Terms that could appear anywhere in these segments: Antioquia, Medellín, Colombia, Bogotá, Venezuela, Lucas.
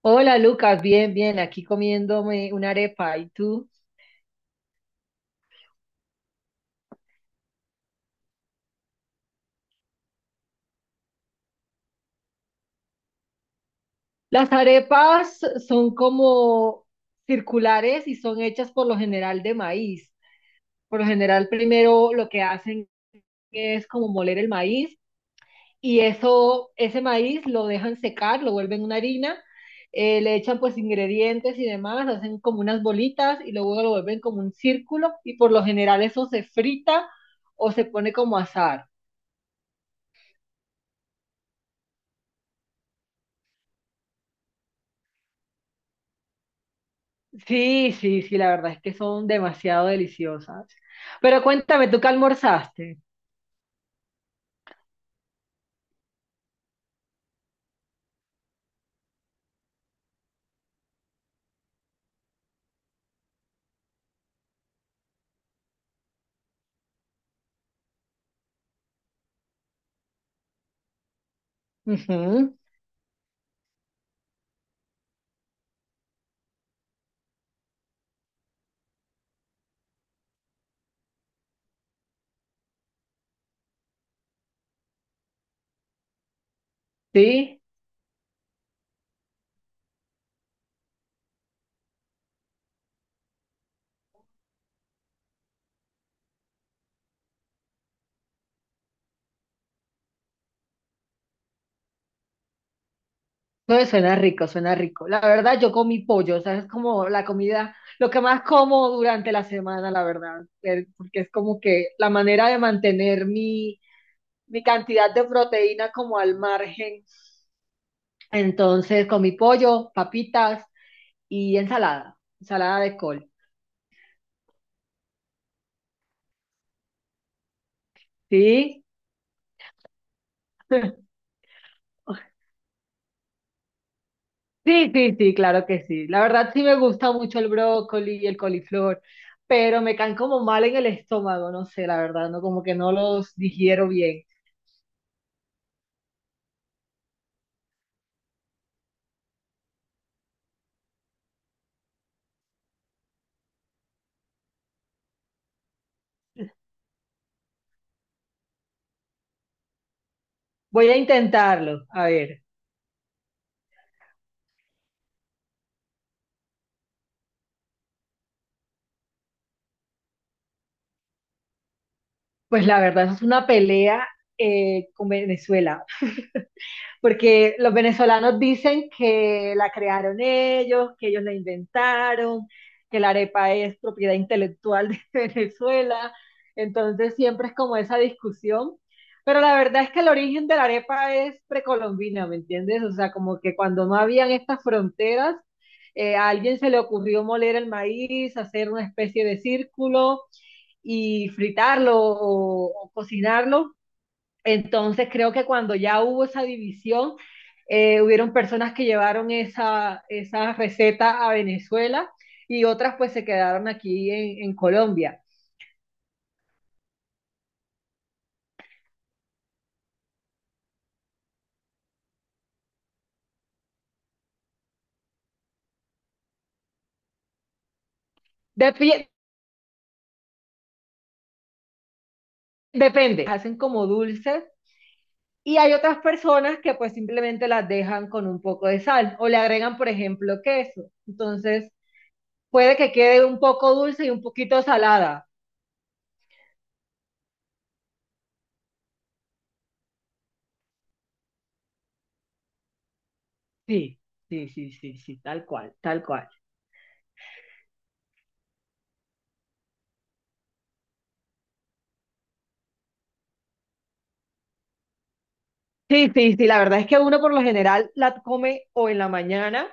Hola Lucas, bien, bien, aquí comiéndome una arepa. ¿Y tú? Las arepas son como circulares y son hechas por lo general de maíz. Por lo general, primero lo que hacen es como moler el maíz y eso, ese maíz lo dejan secar, lo vuelven una harina, le echan pues ingredientes y demás, hacen como unas bolitas y luego lo vuelven como un círculo y por lo general eso se frita o se pone como asar. Sí, sí, sí, la verdad es que son demasiado deliciosas. Pero cuéntame, ¿tú qué almorzaste? Ujú. Sí, no, suena rico, suena rico. La verdad, yo comí pollo, o sea, es como la comida, lo que más como durante la semana, la verdad, porque es como que la manera de mantener mi cantidad de proteína como al margen. Entonces, comí pollo, papitas y ensalada, ensalada de col. Sí. Sí, sí, sí, claro que sí. La verdad sí me gusta mucho el brócoli y el coliflor, pero me caen como mal en el estómago, no sé, la verdad, no como que no los digiero bien. Voy a intentarlo, a ver. Pues la verdad, eso es una pelea con Venezuela, porque los venezolanos dicen que la crearon ellos, que ellos la inventaron, que la arepa es propiedad intelectual de Venezuela, entonces siempre es como esa discusión, pero la verdad es que el origen de la arepa es precolombina, ¿me entiendes? O sea, como que cuando no habían estas fronteras, a alguien se le ocurrió moler el maíz, hacer una especie de círculo y fritarlo o cocinarlo. Entonces creo que cuando ya hubo esa división, hubieron personas que llevaron esa receta a Venezuela y otras pues se quedaron aquí en Colombia. Dep- Depende, hacen como dulces y hay otras personas que pues simplemente las dejan con un poco de sal o le agregan, por ejemplo, queso. Entonces puede que quede un poco dulce y un poquito salada. Sí, sí, sí, sí, sí, tal cual, tal cual. Sí, sí, sí, la verdad es que uno por lo general la come o en la mañana,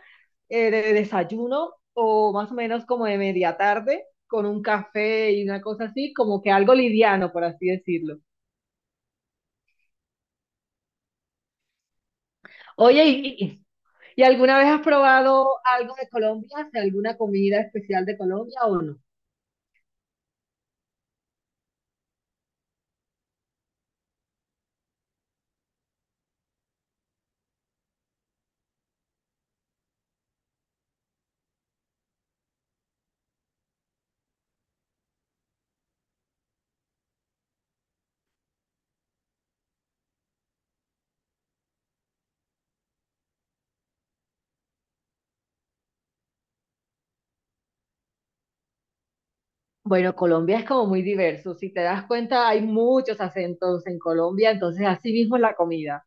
de desayuno o más o menos como de media tarde con un café y una cosa así, como que algo liviano, por así decirlo. Oye, ¿y, y alguna vez has probado algo de Colombia? ¿Hace alguna comida especial de Colombia o no? Bueno, Colombia es como muy diverso, si te das cuenta hay muchos acentos en Colombia, entonces así mismo es la comida.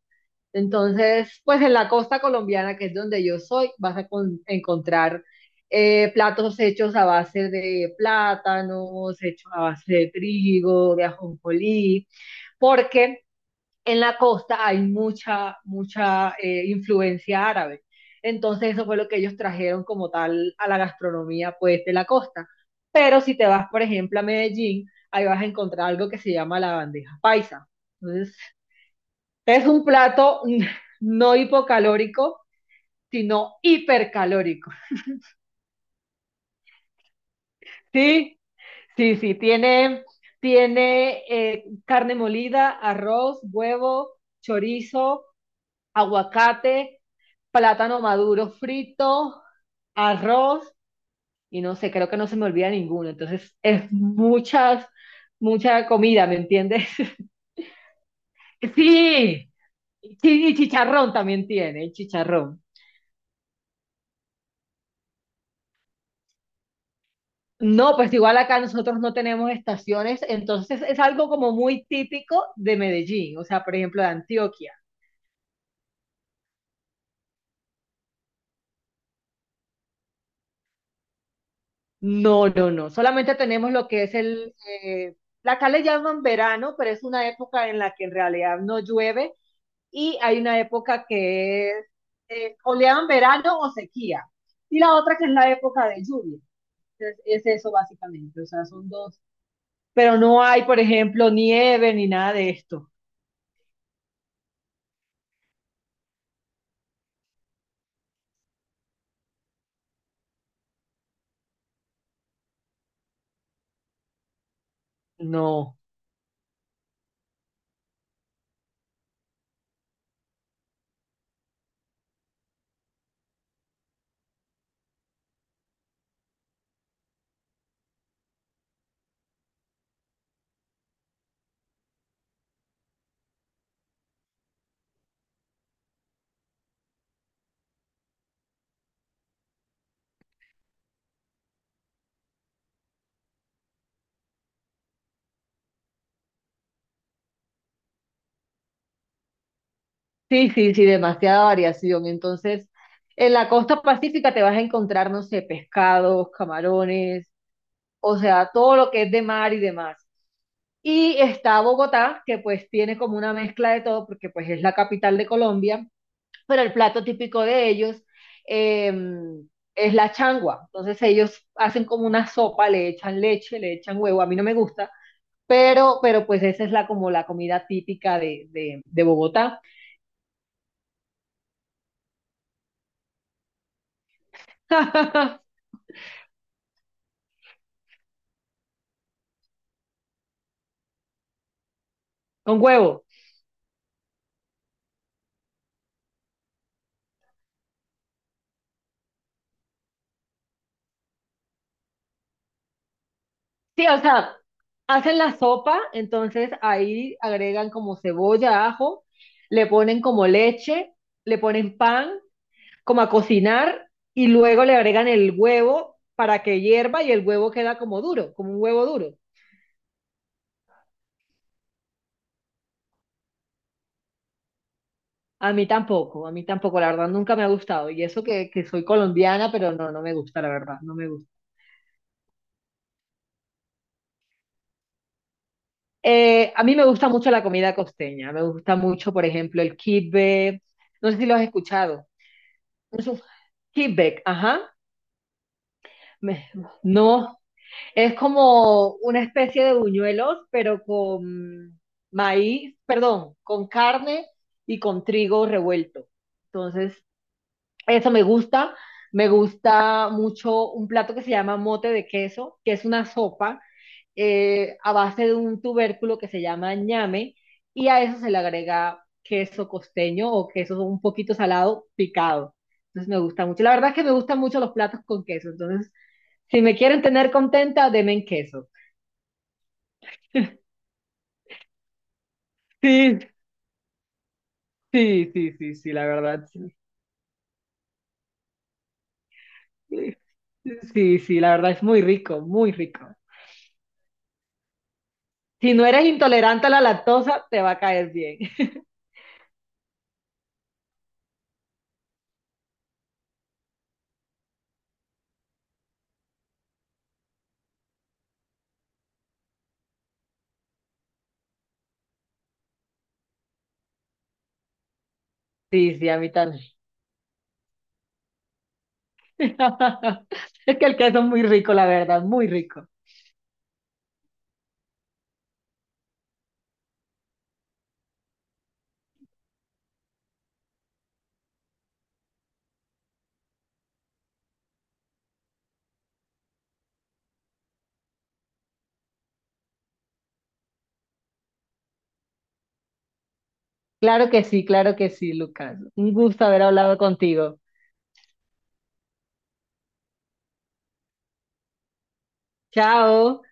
Entonces, pues en la costa colombiana, que es donde yo soy, vas a encontrar platos hechos a base de plátanos, hechos a base de trigo, de ajonjolí, porque en la costa hay mucha, mucha influencia árabe. Entonces, eso fue lo que ellos trajeron como tal a la gastronomía, pues, de la costa. Pero si te vas, por ejemplo, a Medellín, ahí vas a encontrar algo que se llama la bandeja paisa. Entonces, es un plato no hipocalórico, sino hipercalórico. Sí, sí, sí, tiene, tiene carne molida, arroz, huevo, chorizo, aguacate, plátano maduro frito, arroz y no sé, creo que no se me olvida ninguno. Entonces, es mucha comida, ¿me entiendes? Sí, sí, y chicharrón también tiene, chicharrón. No, pues igual acá nosotros no tenemos estaciones, entonces es algo como muy típico de Medellín, o sea, por ejemplo, de Antioquia. No, no, no, solamente tenemos lo que es eh, acá le llaman verano, pero es una época en la que en realidad no llueve y hay una época que es, o le llaman verano o sequía, y la otra que es la época de lluvia. Entonces, es eso básicamente, o sea, son dos, pero no hay, por ejemplo, nieve ni nada de esto. No. Sí, sí, sí, demasiada variación. Entonces, en la costa pacífica te vas a encontrar, no sé, pescados, camarones, o sea, todo lo que es de mar y demás. Y está Bogotá, que pues tiene como una mezcla de todo, porque pues es la capital de Colombia, pero el plato típico de ellos eh, es la changua. Entonces ellos hacen como una sopa, le echan leche, le echan huevo, a mí no me gusta, pero pues esa es la como la comida típica de Bogotá. Con huevo. Sí, o sea, hacen la sopa, entonces ahí agregan como cebolla, ajo, le ponen como leche, le ponen pan, como a cocinar, y luego le agregan el huevo para que hierva y el huevo queda como duro, como un huevo duro. A mí tampoco, la verdad nunca me ha gustado. Y eso que soy colombiana, pero no, no me gusta, la verdad, no me gusta. A mí me gusta mucho la comida costeña, me gusta mucho, por ejemplo, el kibbe, no sé si lo has escuchado. Es un feedback, ajá. Me- no, es como una especie de buñuelos, pero con maíz, perdón, con carne y con trigo revuelto. Entonces, eso me gusta. Me gusta mucho un plato que se llama mote de queso, que es una sopa a base de un tubérculo que se llama ñame y a eso se le agrega queso costeño o queso un poquito salado picado. Entonces me gusta mucho. La verdad es que me gustan mucho los platos con queso. Entonces, si me quieren tener contenta, denme en queso. Sí, sí, sí, sí, sí, la verdad. Sí, sí, sí, la verdad es muy rico, muy rico. Si no eres intolerante a la lactosa, te va a caer bien. Sí, sí, a mí también. Es que el queso es muy rico, la verdad, muy rico. Claro que sí, Lucas. Un gusto haber hablado contigo. Chao.